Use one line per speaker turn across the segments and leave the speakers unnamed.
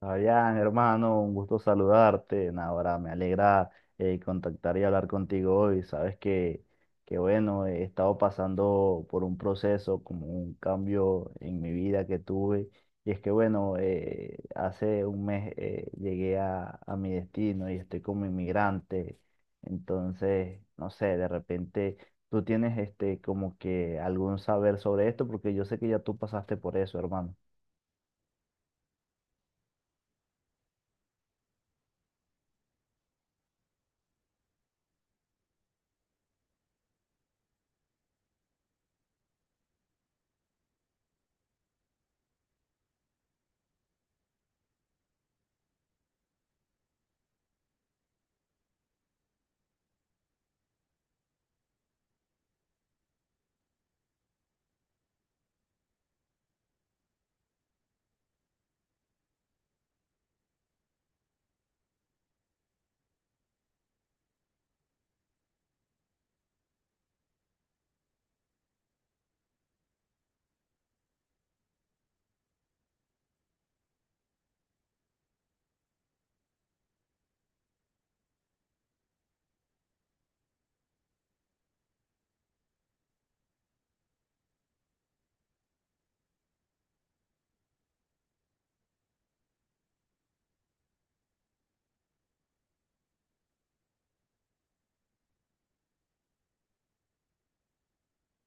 Fabián, hermano, un gusto saludarte. Ahora me alegra contactar y hablar contigo hoy. Sabes que, bueno, he estado pasando por un proceso, como un cambio en mi vida que tuve. Y es que, bueno, hace un mes llegué a mi destino y estoy como inmigrante. Entonces, no sé, de repente tú tienes este, como que algún saber sobre esto, porque yo sé que ya tú pasaste por eso, hermano.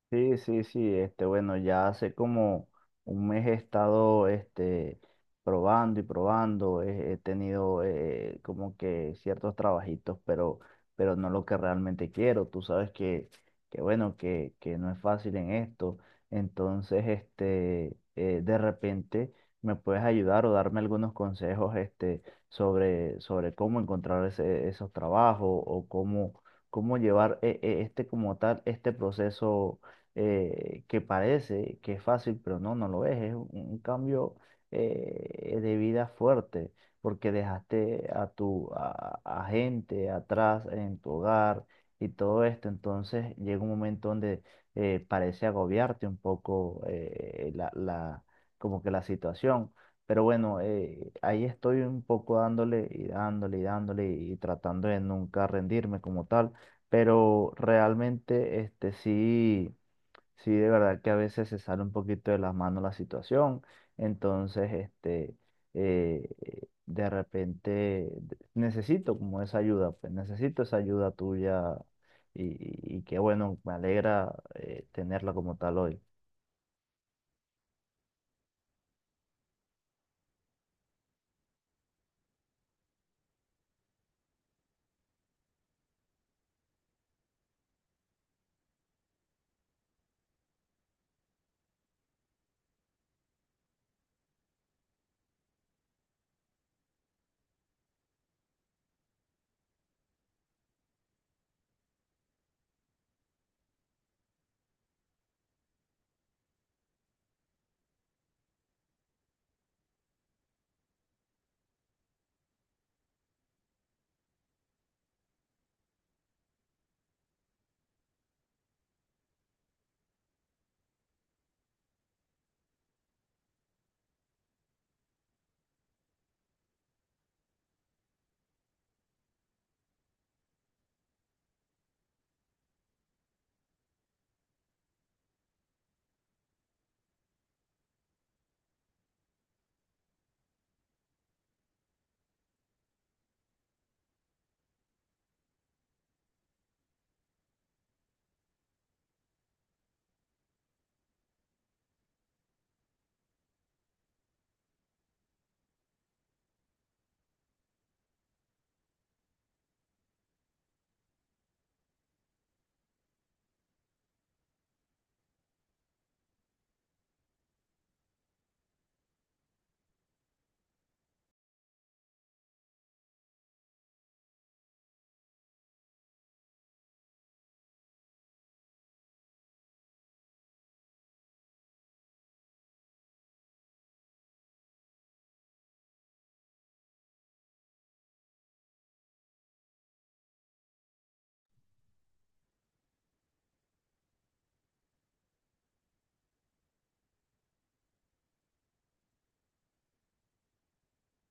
Sí, sí, sí, este, bueno, ya hace como un mes he estado, este, probando y probando, he tenido como que ciertos trabajitos, pero no lo que realmente quiero. Tú sabes que bueno, que no es fácil en esto. Entonces, este, de repente me puedes ayudar o darme algunos consejos, este, sobre cómo encontrar esos trabajos o cómo llevar este como tal, este proceso que parece que es fácil, pero no, no lo es. Es un cambio de vida fuerte, porque dejaste a a gente atrás en tu hogar y todo esto. Entonces llega un momento donde parece agobiarte un poco como que la situación. Pero bueno, ahí estoy un poco dándole y dándole y dándole y tratando de nunca rendirme como tal. Pero realmente, este sí. Sí, de verdad que a veces se sale un poquito de las manos la situación. Entonces, este, eh, de repente necesito como esa ayuda, pues necesito esa ayuda tuya y que bueno, me alegra tenerla como tal hoy.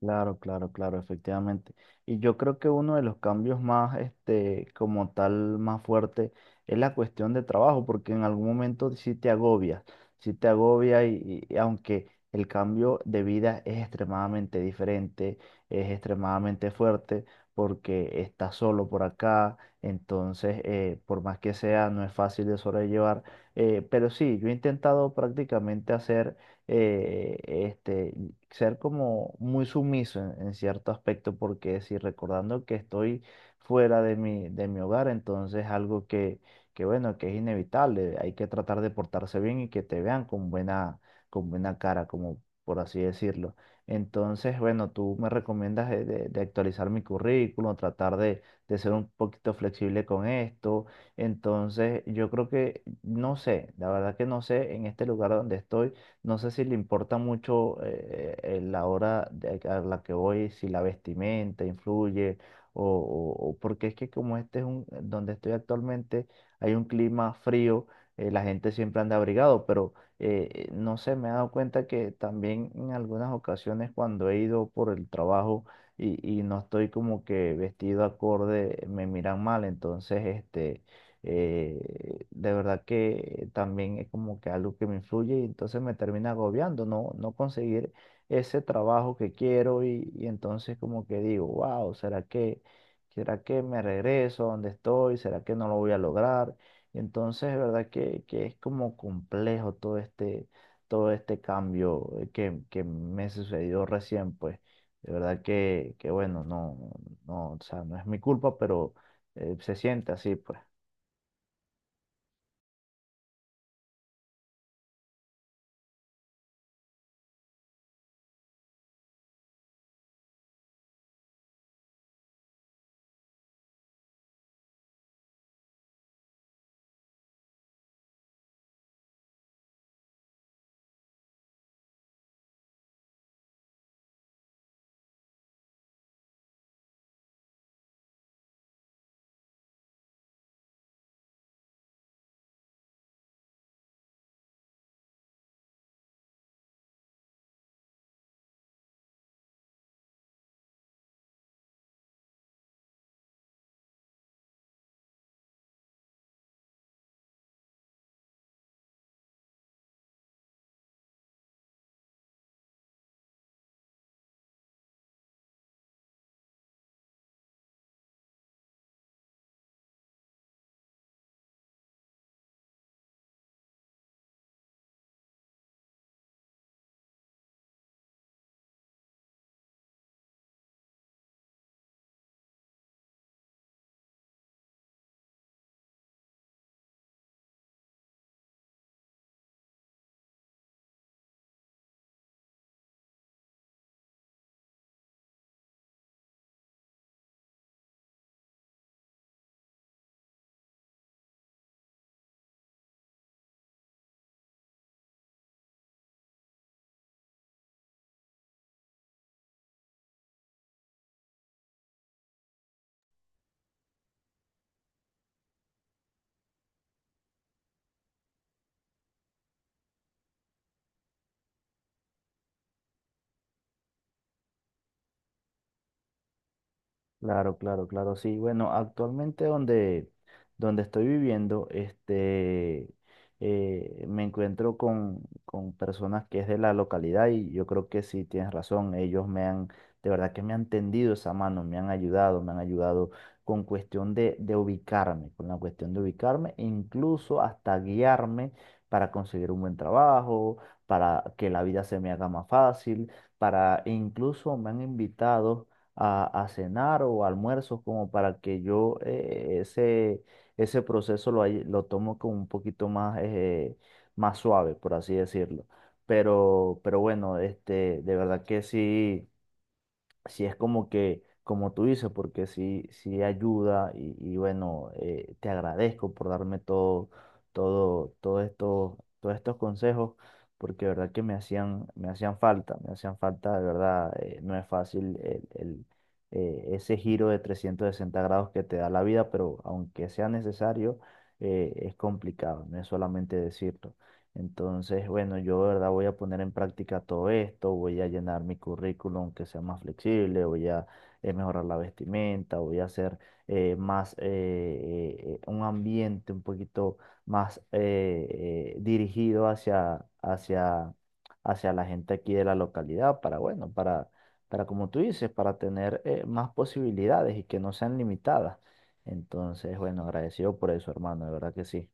Claro, claro, claro, efectivamente. Y yo creo que uno de los cambios más, este, como tal, más fuerte es la cuestión de trabajo, porque en algún momento sí te agobias, sí te agobia y aunque el cambio de vida es extremadamente diferente, es extremadamente fuerte, porque estás solo por acá. Entonces, por más que sea, no es fácil de sobrellevar. Pero sí, yo he intentado prácticamente hacer este, ser como muy sumiso en cierto aspecto, porque si recordando que estoy fuera de de mi hogar. Entonces algo que bueno, que es inevitable, hay que tratar de portarse bien y que te vean con con buena cara, como por así decirlo. Entonces, bueno, tú me recomiendas de actualizar mi currículum, tratar de ser un poquito flexible con esto. Entonces, yo creo que, no sé, la verdad que no sé en este lugar donde estoy no sé si le importa mucho la a la que voy, si la vestimenta influye, porque es que como este es un, donde estoy actualmente, hay un clima frío. La gente siempre anda abrigado, pero no sé, me he dado cuenta que también en algunas ocasiones cuando he ido por el trabajo y no estoy como que vestido acorde, me miran mal. Entonces este de verdad que también es como que algo que me influye y entonces me termina agobiando, no, no conseguir ese trabajo que quiero y entonces como que digo, wow, ¿será será que me regreso a donde estoy? ¿Será que no lo voy a lograr? Entonces, de verdad que es como complejo todo este cambio que me sucedió recién, pues. De verdad que bueno, no, no, o sea, no es mi culpa, pero se siente así, pues. Claro, claro, claro, sí. Bueno, actualmente donde estoy viviendo, este, me encuentro con personas que es de la localidad y yo creo que sí tienes razón. Ellos me han, de verdad que me han tendido esa mano, me han ayudado con cuestión de ubicarme, con la cuestión de ubicarme, e incluso hasta guiarme para conseguir un buen trabajo, para que la vida se me haga más fácil, para e incluso me han invitado a cenar o almuerzos como para que yo ese proceso lo tomo como un poquito más, más suave, por así decirlo. Pero bueno, este, de verdad que sí si es como que, como tú dices, porque sí, sí ayuda y bueno, te agradezco por darme todo, todo, todo esto, todos estos consejos, porque de verdad que me hacían falta, de verdad. No es fácil el ese giro de 360 grados que te da la vida, pero aunque sea necesario, es complicado, no es solamente decirlo. Entonces, bueno, yo de verdad voy a poner en práctica todo esto, voy a llenar mi currículum que sea más flexible. Voy a mejorar la vestimenta, voy a hacer más un ambiente un poquito más dirigido hacia la gente aquí de la localidad para, bueno, para como tú dices, para tener más posibilidades y que no sean limitadas. Entonces, bueno, agradecido por eso, hermano, de verdad que sí.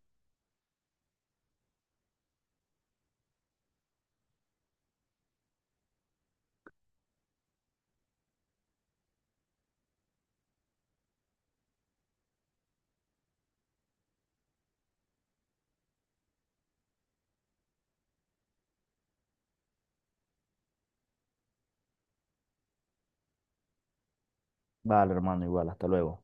Vale, hermano, igual, hasta luego.